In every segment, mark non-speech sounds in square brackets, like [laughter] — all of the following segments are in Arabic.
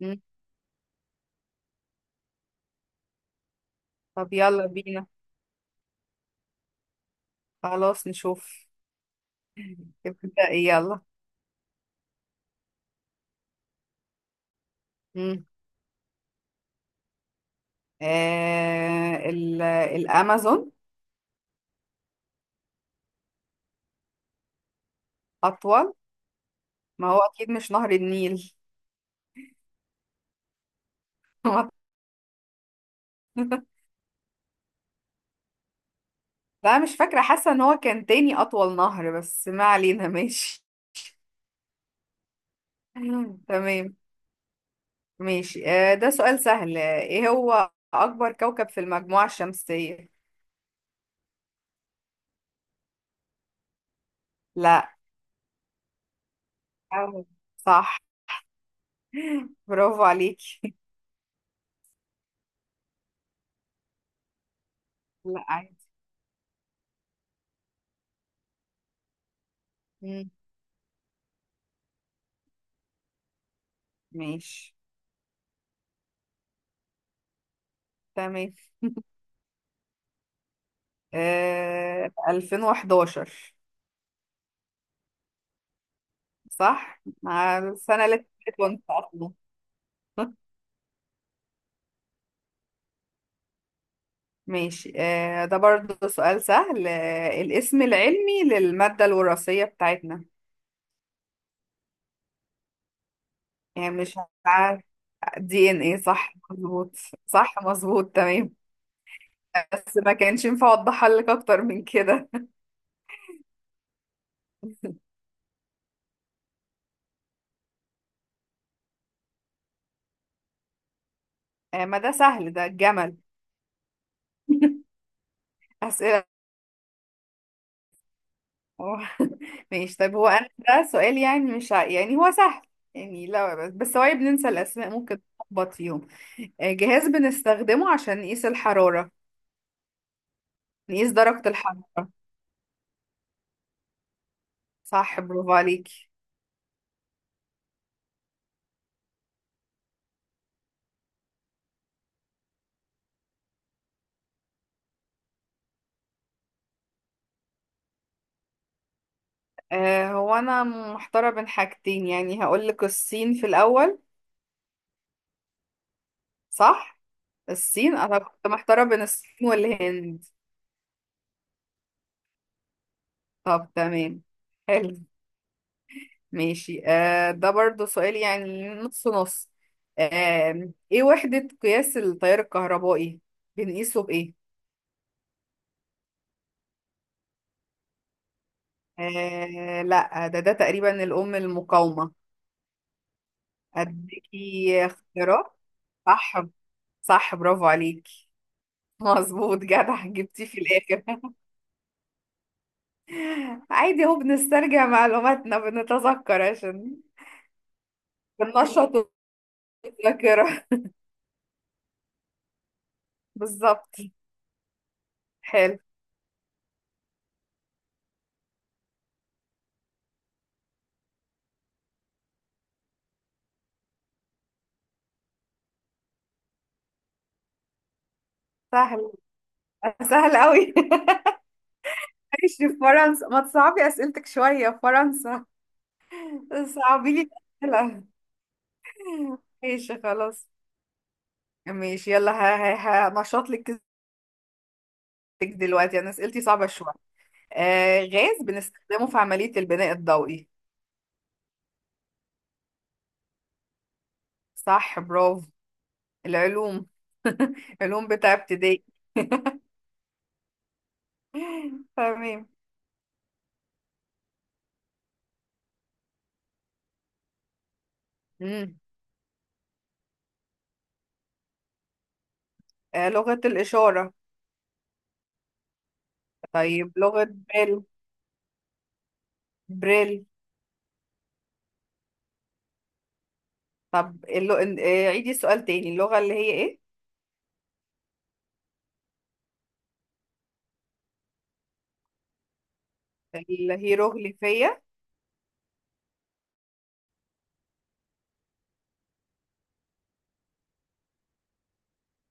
مم. طب يلا بينا. خلاص نشوف. تبدأ ايه يلا؟ مم. آه، الأمازون. أطول. ما هو أكيد مش نهر النيل. [laughs] لا، مش فاكرة، حاسة ان هو كان تاني أطول نهر، بس ما علينا ماشي. [laughs] تمام. ماشي. آه، ده سؤال سهل. ايه هو أكبر كوكب في المجموعة الشمسية؟ لا. أهو. صح. برافو عليكي. [laughs] لا، عادي. مم. ماشي. تمام. آه، 2011. صح؟ مع السنة اللي اتولدت وانت أصلا. [laughs] ماشي. آه، ده برضو سؤال سهل. الاسم العلمي للمادة الوراثية بتاعتنا؟ يعني مش عارف. دي ان ايه، صح مظبوط. صح مظبوط، تمام. بس ما كانش ينفع اوضحها لك اكتر من كده. [laughs] آه، ما ده سهل، ده الجمل. [laughs] أسئلة. اه. [laughs] ماشي. طيب، هو انا ده سؤال، يعني مش يعني هو سهل. يعني لا، بس هو بننسى الاسماء، ممكن نخبط فيهم. جهاز بنستخدمه عشان نقيس الحرارة، نقيس درجة الحرارة. صح، برافو عليكي. هو انا محتارة بين حاجتين، يعني هقولك الصين في الاول. صح. الصين، انا كنت محتارة بين الصين والهند. طب تمام. حلو. ماشي. ده برضو سؤال يعني نص نص. ايه وحدة قياس التيار الكهربائي؟ بنقيسه بإيه؟ لا، ده تقريبا الأم المقاومة. أديكي اختيارات. صح. صح، برافو عليكي. [laughs] مظبوط، جدع، جبتيه في الآخر. [laughs] عادي، اهو بنسترجع معلوماتنا، بنتذكر عشان بننشط الذاكرة. [laughs] بالظبط. حلو. سهل. سهل قوي. [laughs] عايش في فرنسا، ما تصعبي أسئلتك شوية. فرنسا. صعبي لي الأسئلة. ماشي خلاص. ماشي، يلا، هنشط لك كذبتك. دلوقتي أنا أسئلتي صعبة شوية. غاز بنستخدمه في عملية البناء الضوئي. صح، برافو. العلوم، علوم بتاع ابتدائي. [laughs] تمام. مم. لغة الإشارة. طيب، لغة بريل. بريل. طب اللو... آه عيدي السؤال تاني. اللغة اللي هي إيه؟ الهيروغليفية.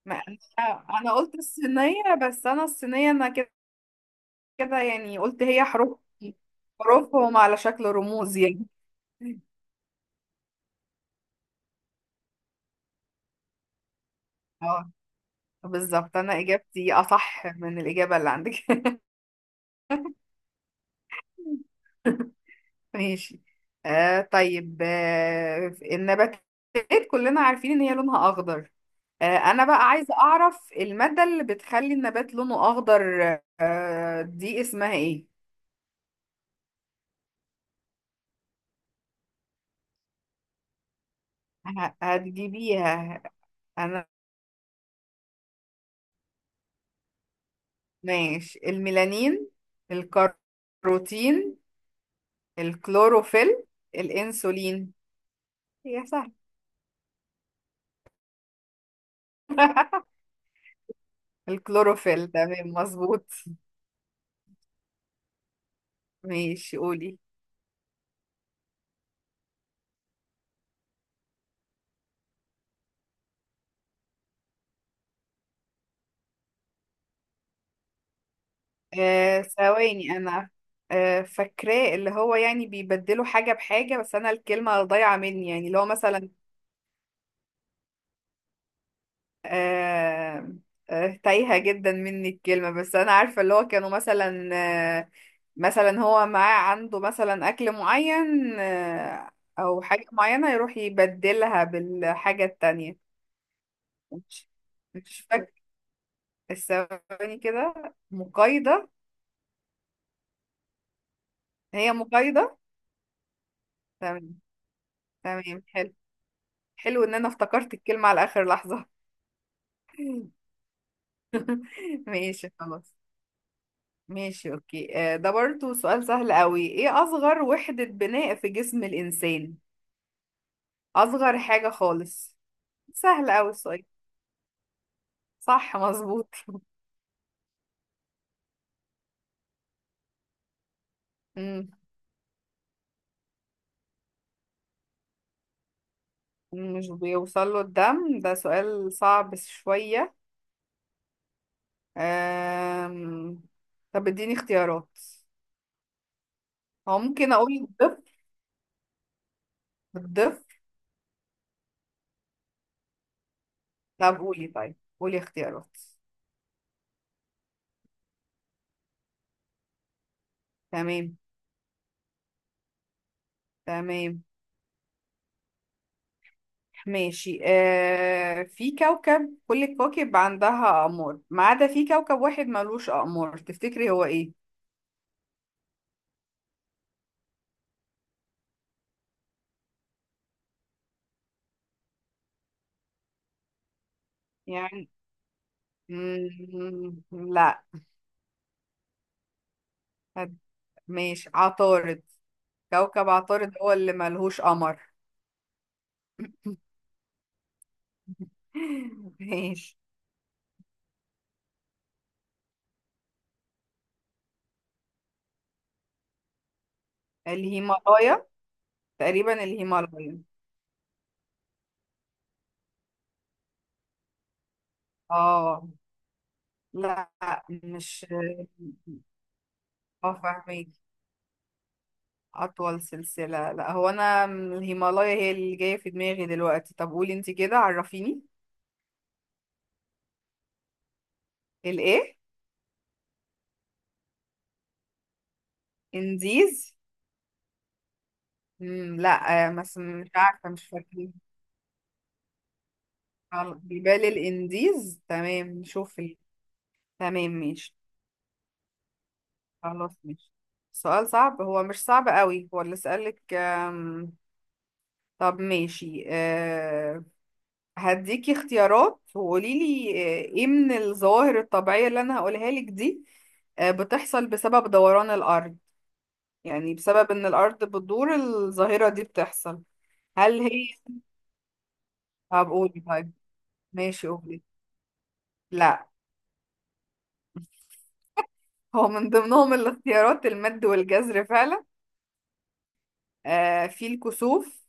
ما انا قلت الصينية، بس انا الصينية انا كده، كده يعني قلت هي حروف، حروفهم على شكل رموز يعني. اه، بالظبط، انا اجابتي اصح من الاجابة اللي عندك. [laughs] ماشي. طيب. النباتات، كلنا عارفين ان هي لونها اخضر. انا بقى عايزة اعرف المادة اللي بتخلي النبات لونه اخضر. دي اسمها ايه؟ هتجيبيها. انا، ماشي، الميلانين، الكاروتين، الكلوروفيل، الانسولين. يا سهل. [laughs] الكلوروفيل، تمام، مظبوط. ماشي، قولي. ثواني، انا فاكراه، اللي هو يعني بيبدلوا حاجة بحاجة، بس انا الكلمة ضايعة مني، يعني اللي هو مثلا آه، تايهة جدا مني الكلمة، بس أنا عارفة اللي هو كانوا مثلا، آه، مثلا هو معاه عنده مثلا أكل معين، أو حاجة معينة يروح يبدلها بالحاجة التانية. مش مش فاكرة الثواني كده. مقايضة. هي مقايضة. تمام. تمام، حلو. حلو إن أنا افتكرت الكلمة على آخر لحظة. [laughs] ماشي خلاص. ماشي، اوكي. ده برضو سؤال سهل قوي. ايه اصغر وحدة بناء في جسم الانسان؟ اصغر حاجة خالص، سهل قوي السؤال. صح، مظبوط. [laughs] مم، مش بيوصل له الدم؟ ده سؤال صعب شوية. أم... طب اديني اختيارات، هو ممكن اقول الضفر. الضفر. طب قولي، طيب قولي اختيارات. تمام. تمام. ماشي. في كوكب، كل الكواكب عندها أقمار ما عدا في كوكب واحد ملوش أقمار، تفتكري هو إيه؟ يعني لا. هد- ماشي، عطارد. كوكب عطارد هو اللي ملهوش قمر. [laughs] ماشي، الهيمالايا، تقريبا الهيمالايا. اه، لا، مش اه، فاهمك. أطول سلسلة، لا، هو أنا من الهيمالايا هي اللي جاية في دماغي دلوقتي. طب قولي انتي كده، عرفيني. الإيه؟ إنديز. مم، لا، بس مش عارفة، مش فاكرة. خلاص، جبال الإنديز، تمام، نشوف ال... تمام ماشي. خلاص ماشي. سؤال صعب، هو مش صعب قوي، هو اللي سألك. طب ماشي. هديكي اختيارات وقوليلي، ايه من الظواهر الطبيعية اللي أنا هقولها لك دي، بتحصل بسبب دوران الأرض، يعني بسبب ان الارض بتدور الظاهرة دي بتحصل. هل هي، طب قولي طيب. ماشي، قولي. لا، هو من ضمنهم الاختيارات المد والجزر فعلا، في الكسوف،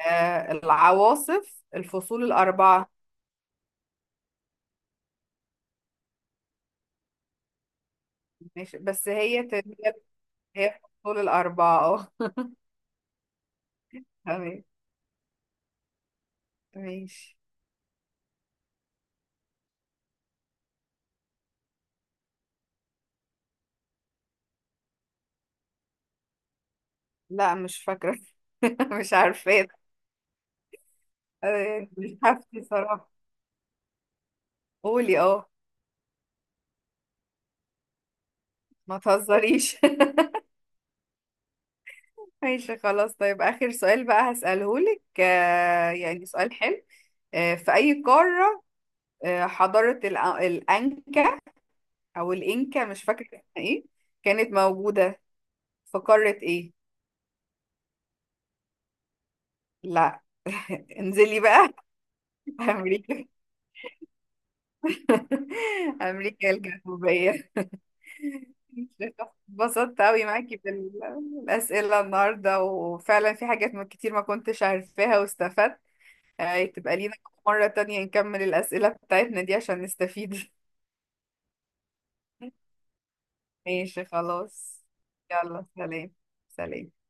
العواصف، الفصول الأربعة. ماشي، بس هي هي، هي الفصول الأربعة. اه. تمام، ماشي. لا، مش فاكرة. [laughs] مش عارفة. مش حافتي صراحة. قولي، اه. ما تهزريش. [laughs] ماشي خلاص. طيب آخر سؤال بقى هسأله لك، يعني سؤال حلو. في أي قارة حضارة الأنكا، أو الإنكا، مش فاكرة اسمها إيه، كانت موجودة في قارة إيه؟ لا. [laughs] انزلي بقى. [laughs] أمريكا، [laughs] أمريكا الجنوبية. اتبسطت أوي معاكي بالأسئلة النهاردة، وفعلا في حاجات كتير ما كنتش عارفاها واستفدت. تبقى لينا مرة تانية نكمل الأسئلة بتاعتنا دي عشان نستفيد. [laughs] ماشي خلاص. يلا سلام. سلام.